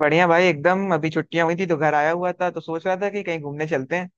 बढ़िया भाई एकदम। अभी छुट्टियां हुई थी तो घर आया हुआ था तो सोच रहा था कि कहीं घूमने चलते हैं।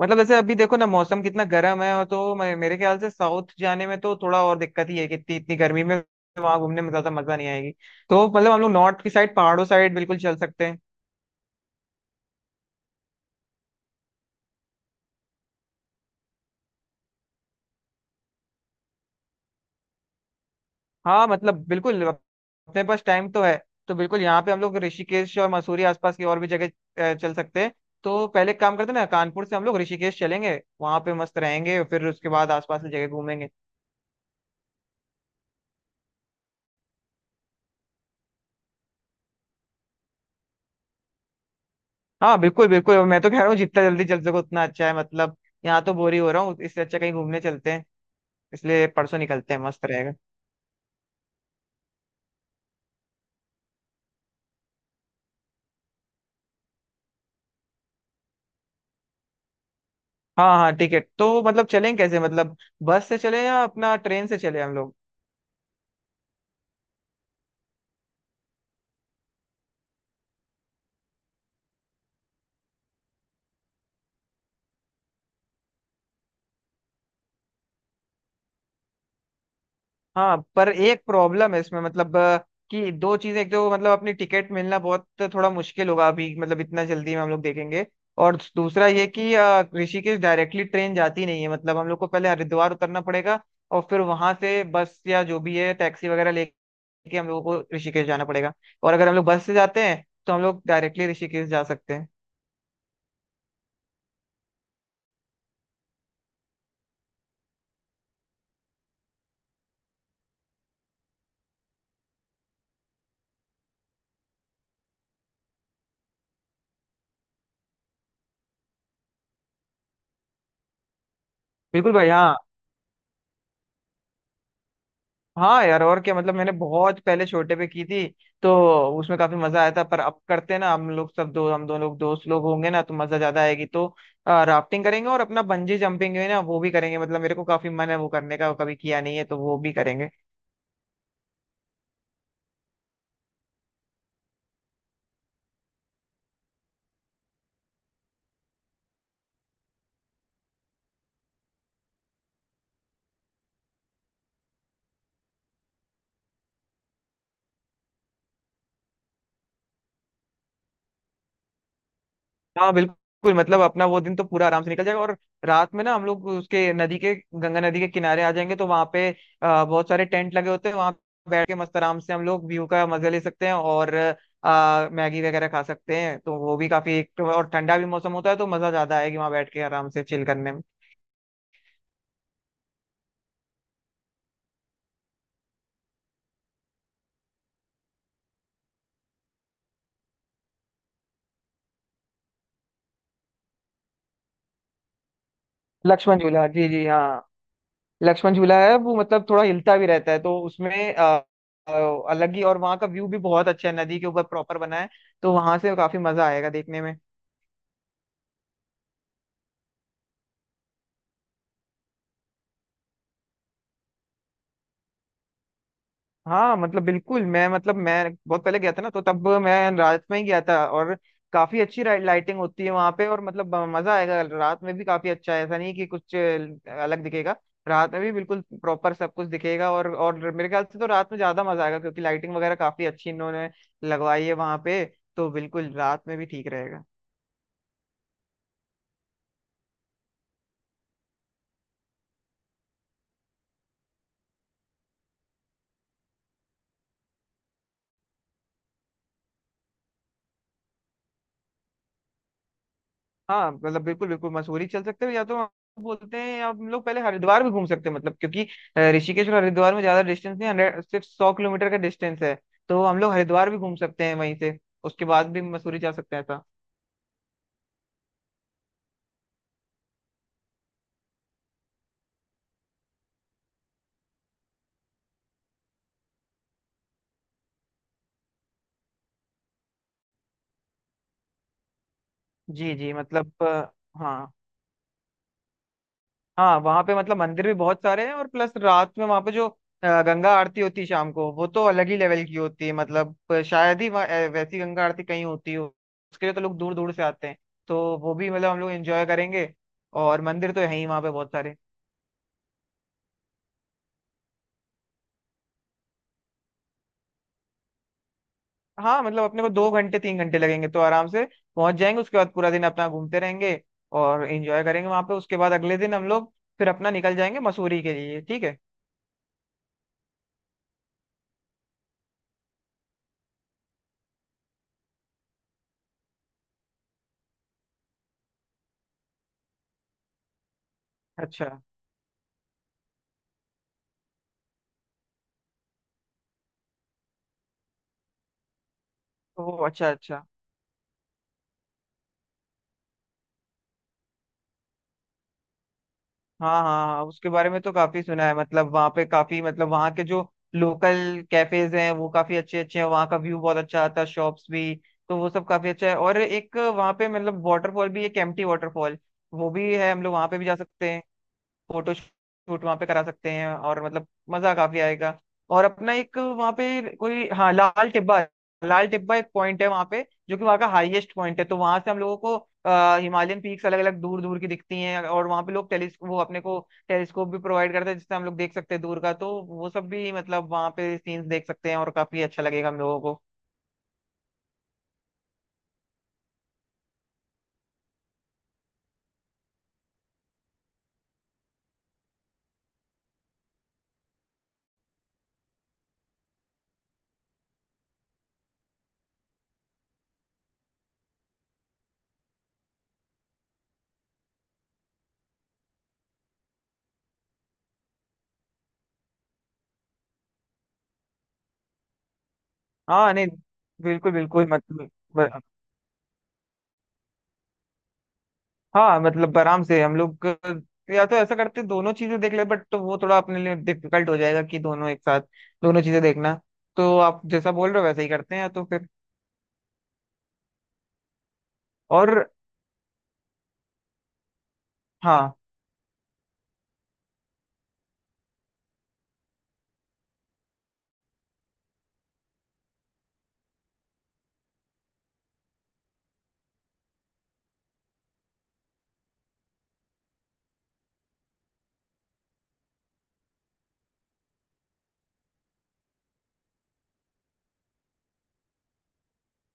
मतलब जैसे अभी देखो ना, मौसम कितना गर्म है, और तो मेरे ख्याल से साउथ जाने में तो थोड़ा और दिक्कत ही है कि इतनी इतनी गर्मी में वहां घूमने में ज्यादा मजा नहीं आएगी। तो मतलब हम लोग नॉर्थ की साइड, पहाड़ों साइड बिल्कुल चल सकते हैं। हाँ मतलब बिल्कुल। अपने पास टाइम तो है। तो बिल्कुल यहाँ पे हम लोग ऋषिकेश और मसूरी आसपास की और भी जगह चल सकते हैं। तो पहले एक काम करते हैं ना, कानपुर से हम लोग ऋषिकेश चलेंगे, वहां पे मस्त रहेंगे, फिर उसके बाद आसपास की जगह घूमेंगे। हाँ बिल्कुल बिल्कुल। और मैं तो कह रहा हूँ जितना जल्दी चल सको उतना अच्छा है, मतलब यहाँ तो बोर ही हो रहा हूँ, इससे अच्छा कहीं घूमने चलते हैं। इसलिए परसों निकलते हैं, मस्त रहेगा। हाँ हाँ ठीक है। तो मतलब चलें कैसे? मतलब बस से चले या अपना ट्रेन से चले हम लोग? हाँ पर एक प्रॉब्लम है इसमें, मतलब कि दो चीजें। एक तो मतलब अपनी टिकट मिलना बहुत थोड़ा मुश्किल होगा अभी, मतलब इतना जल्दी में हम लोग देखेंगे। और दूसरा ये कि ऋषिकेश डायरेक्टली ट्रेन जाती नहीं है। मतलब हम लोग को पहले हरिद्वार उतरना पड़ेगा और फिर वहां से बस या जो भी है टैक्सी वगैरह ले, कि हम लोगों को ऋषिकेश जाना पड़ेगा। और अगर हम लोग बस से जाते हैं तो हम लोग डायरेक्टली ऋषिकेश जा सकते हैं। बिल्कुल भाई, हाँ। हाँ यार, और क्या। मतलब मैंने बहुत पहले छोटे पे की थी तो उसमें काफी मजा आया था, पर अब करते हैं ना, हम लोग सब, दो हम दोनों लोग, दोस्त लोग होंगे ना तो मजा ज्यादा आएगी। तो राफ्टिंग करेंगे और अपना बंजी जंपिंग है ना वो भी करेंगे। मतलब मेरे को काफी मन है वो करने का, वो कभी किया नहीं है तो वो भी करेंगे। हाँ बिल्कुल। मतलब अपना वो दिन तो पूरा आराम से निकल जाएगा, और रात में ना हम लोग उसके नदी के, गंगा नदी के किनारे आ जाएंगे। तो वहाँ पे बहुत सारे टेंट लगे होते हैं वहाँ, बैठ के मस्त आराम से हम लोग व्यू का मजा ले सकते हैं, और मैगी वगैरह खा सकते हैं। तो वो भी काफी, एक तो और ठंडा भी मौसम होता है तो मजा ज्यादा आएगी वहाँ बैठ के आराम से चिल करने में। लक्ष्मण झूला, जी जी हाँ। लक्ष्मण झूला है वो, मतलब थोड़ा हिलता भी रहता है, तो उसमें अ, अलग ही। और वहाँ का व्यू भी बहुत अच्छा है, नदी के ऊपर प्रॉपर बना है। तो वहां से काफी मजा आएगा देखने में। हाँ मतलब बिल्कुल। मैं मतलब मैं बहुत पहले गया था ना, तो तब मैं रात में ही गया था, और काफी अच्छी लाइटिंग होती है वहां पे। और मतलब मजा आएगा रात में भी, काफी अच्छा है। ऐसा नहीं कि कुछ अलग दिखेगा, रात में भी बिल्कुल प्रॉपर सब कुछ दिखेगा। और मेरे ख्याल से तो रात में ज्यादा मजा आएगा, क्योंकि लाइटिंग वगैरह काफी अच्छी इन्होंने लगवाई है वहां पे। तो बिल्कुल रात में भी ठीक रहेगा। हाँ मतलब बिल्कुल बिल्कुल। मसूरी चल सकते हो, या तो हम बोलते हैं, या हम लोग पहले हरिद्वार भी घूम सकते हैं। मतलब क्योंकि ऋषिकेश और हरिद्वार में ज्यादा डिस्टेंस नहीं। 100, सिर्फ 100 किलोमीटर का डिस्टेंस है। तो हम लोग हरिद्वार भी घूम सकते हैं वहीं से, उसके बाद भी मसूरी जा सकते हैं ऐसा। जी जी मतलब हाँ। हाँ वहां पे मतलब मंदिर भी बहुत सारे हैं, और प्लस रात में वहां पे जो गंगा आरती होती है शाम को, वो तो अलग ही लेवल की होती है। मतलब शायद ही वहाँ वैसी गंगा आरती कहीं होती हो। उसके लिए तो लोग दूर दूर से आते हैं। तो वो भी मतलब हम लोग एंजॉय करेंगे, और मंदिर तो है ही वहां पे बहुत सारे। हाँ मतलब अपने को 2 घंटे 3 घंटे लगेंगे, तो आराम से पहुंच जाएंगे। उसके बाद पूरा दिन अपना घूमते रहेंगे और एंजॉय करेंगे वहां पे। उसके बाद अगले दिन हम लोग फिर अपना निकल जाएंगे मसूरी के लिए, ठीक है। अच्छा। ओ अच्छा अच्छा। हाँ हाँ हाँ, उसके बारे में तो काफी सुना है। मतलब वहाँ पे काफी, मतलब वहाँ के जो लोकल कैफेज हैं वो काफी अच्छे अच्छे हैं, वहाँ का व्यू बहुत अच्छा आता है, शॉप्स भी। तो वो सब काफी अच्छा है। और एक वहाँ पे मतलब वाटरफॉल भी, एक एम्प्टी वाटरफॉल वो भी है, हम लोग वहाँ पे भी जा सकते हैं। फोटो शूट वहाँ पे करा सकते हैं, और मतलब मजा काफी आएगा। और अपना एक वहाँ पे कोई, हाँ, लाल टिब्बा। लाल टिब्बा एक पॉइंट है वहाँ पे, जो कि वहाँ का हाईएस्ट पॉइंट है। तो वहां से हम लोगों को हिमालयन पीक्स अलग अलग दूर दूर की दिखती हैं। और वहाँ पे लोग टेलीस्क वो अपने को टेलीस्कोप भी प्रोवाइड करते हैं, जिससे हम लोग देख सकते हैं दूर का। तो वो सब भी मतलब वहाँ पे सीन्स देख सकते हैं, और काफी अच्छा लगेगा हम लोगों को। हाँ नहीं। बिल्कुल बिल्कुल मतलब। हाँ मतलब आराम से हम लोग, या तो ऐसा करते दोनों चीजें देख ले, बट तो वो थोड़ा अपने लिए डिफिकल्ट हो जाएगा कि दोनों एक साथ दोनों चीजें देखना। तो आप जैसा बोल रहे हो वैसा ही करते हैं तो फिर। और हाँ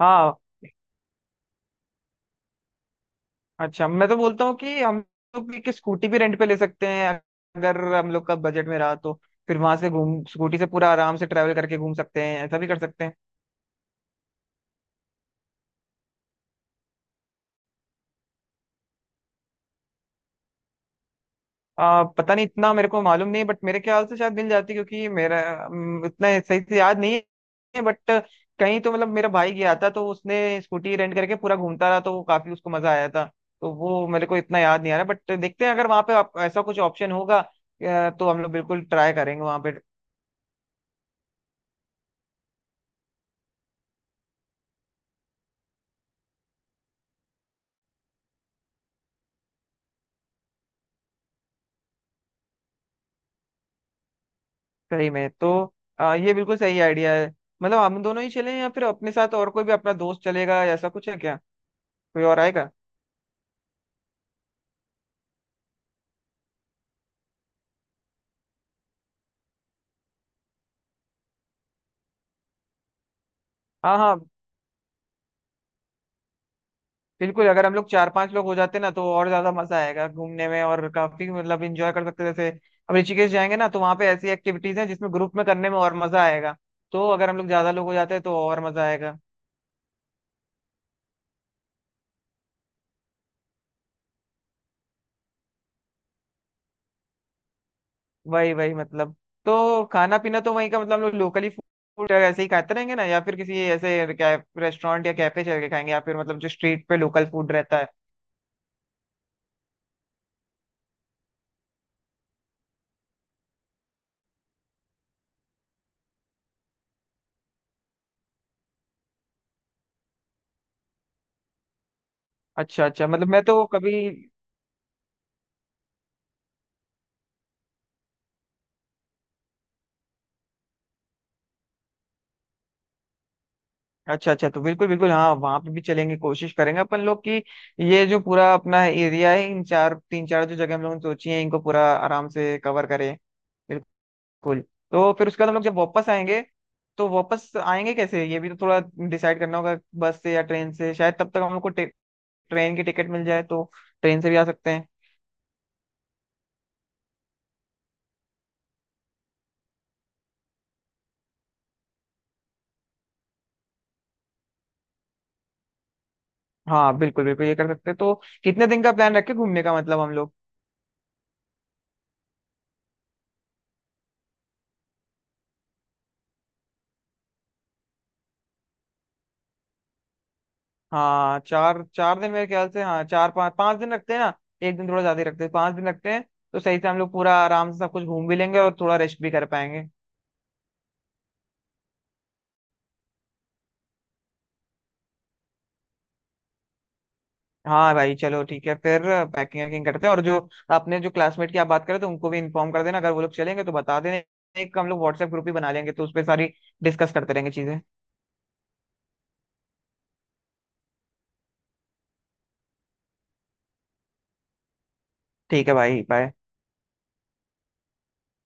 हाँ। अच्छा मैं तो बोलता हूँ कि हम लोग एक स्कूटी भी रेंट पे ले सकते हैं, अगर हम लोग का बजट में रहा तो। फिर वहां से घूम स्कूटी से पूरा आराम से ट्रैवल करके घूम सकते हैं, ऐसा भी कर सकते हैं। पता नहीं, इतना मेरे को मालूम नहीं, बट मेरे ख्याल से शायद मिल जाती, क्योंकि मेरा उतना सही से याद नहीं है, बट कहीं तो मतलब मेरा भाई गया था, तो उसने स्कूटी रेंट करके पूरा घूमता रहा, तो वो काफी उसको मजा आया था। तो वो मेरे को इतना याद नहीं आ रहा, बट देखते हैं अगर वहाँ पे आप, ऐसा कुछ ऑप्शन होगा तो हम लोग बिल्कुल ट्राई करेंगे वहाँ पे। सही में तो ये बिल्कुल सही आइडिया है। मतलब हम दोनों ही चलें, या फिर अपने साथ और कोई भी अपना दोस्त चलेगा, या ऐसा कुछ है क्या? कोई और आएगा? हाँ हाँ बिल्कुल, अगर हम लोग चार पांच लोग हो जाते ना तो और ज्यादा मजा आएगा घूमने में, और काफी मतलब एंजॉय कर सकते हैं। जैसे अब ऋषिकेश जाएंगे ना तो वहाँ पे ऐसी एक्टिविटीज हैं जिसमें ग्रुप में करने में और मजा आएगा। तो अगर हम लोग ज्यादा लोग हो जाते हैं तो और मजा आएगा। वही वही मतलब। तो खाना पीना तो वहीं का, मतलब हम लोग लोकली फूड ऐसे ही खाते रहेंगे ना, या फिर किसी ऐसे क्या रेस्टोरेंट या कैफे चल के खाएंगे, या फिर मतलब जो स्ट्रीट पे लोकल फूड रहता है। अच्छा अच्छा, मतलब मैं तो कभी। अच्छा अच्छा, तो बिल्कुल बिल्कुल हाँ वहां पे भी चलेंगे। कोशिश करेंगे अपन लोग कि ये जो पूरा अपना एरिया है, इन चार तीन चार जो जगह हम लोगों ने सोची है, इनको पूरा आराम से कवर करें। बिल्कुल। तो फिर उसके बाद हम लोग जब वापस आएंगे तो वापस आएंगे कैसे, ये भी तो थोड़ा डिसाइड करना होगा, बस से या ट्रेन से। शायद तब तक हम लोग को ट्रेन की टिकट मिल जाए तो ट्रेन से भी आ सकते हैं। हाँ बिल्कुल बिल्कुल, ये कर सकते हैं। तो कितने दिन का प्लान रखे घूमने का, मतलब हम लोग? हाँ चार चार दिन मेरे ख्याल से, हाँ चार पाँच पाँच दिन रखते हैं ना, एक दिन थोड़ा ज्यादा ही रखते हैं, 5 दिन रखते हैं। तो सही से हम लोग पूरा आराम से सब कुछ घूम भी लेंगे, और थोड़ा रेस्ट भी कर पाएंगे। हाँ भाई चलो ठीक है फिर, पैकिंग वैकिंग करते हैं। और जो अपने जो क्लासमेट की आप बात करें तो उनको भी इन्फॉर्म कर देना, अगर वो लोग चलेंगे तो बता देना। एक हम लोग व्हाट्सएप ग्रुप ही बना लेंगे तो उस पर सारी डिस्कस करते रहेंगे चीजें। ठीक है भाई, बाय।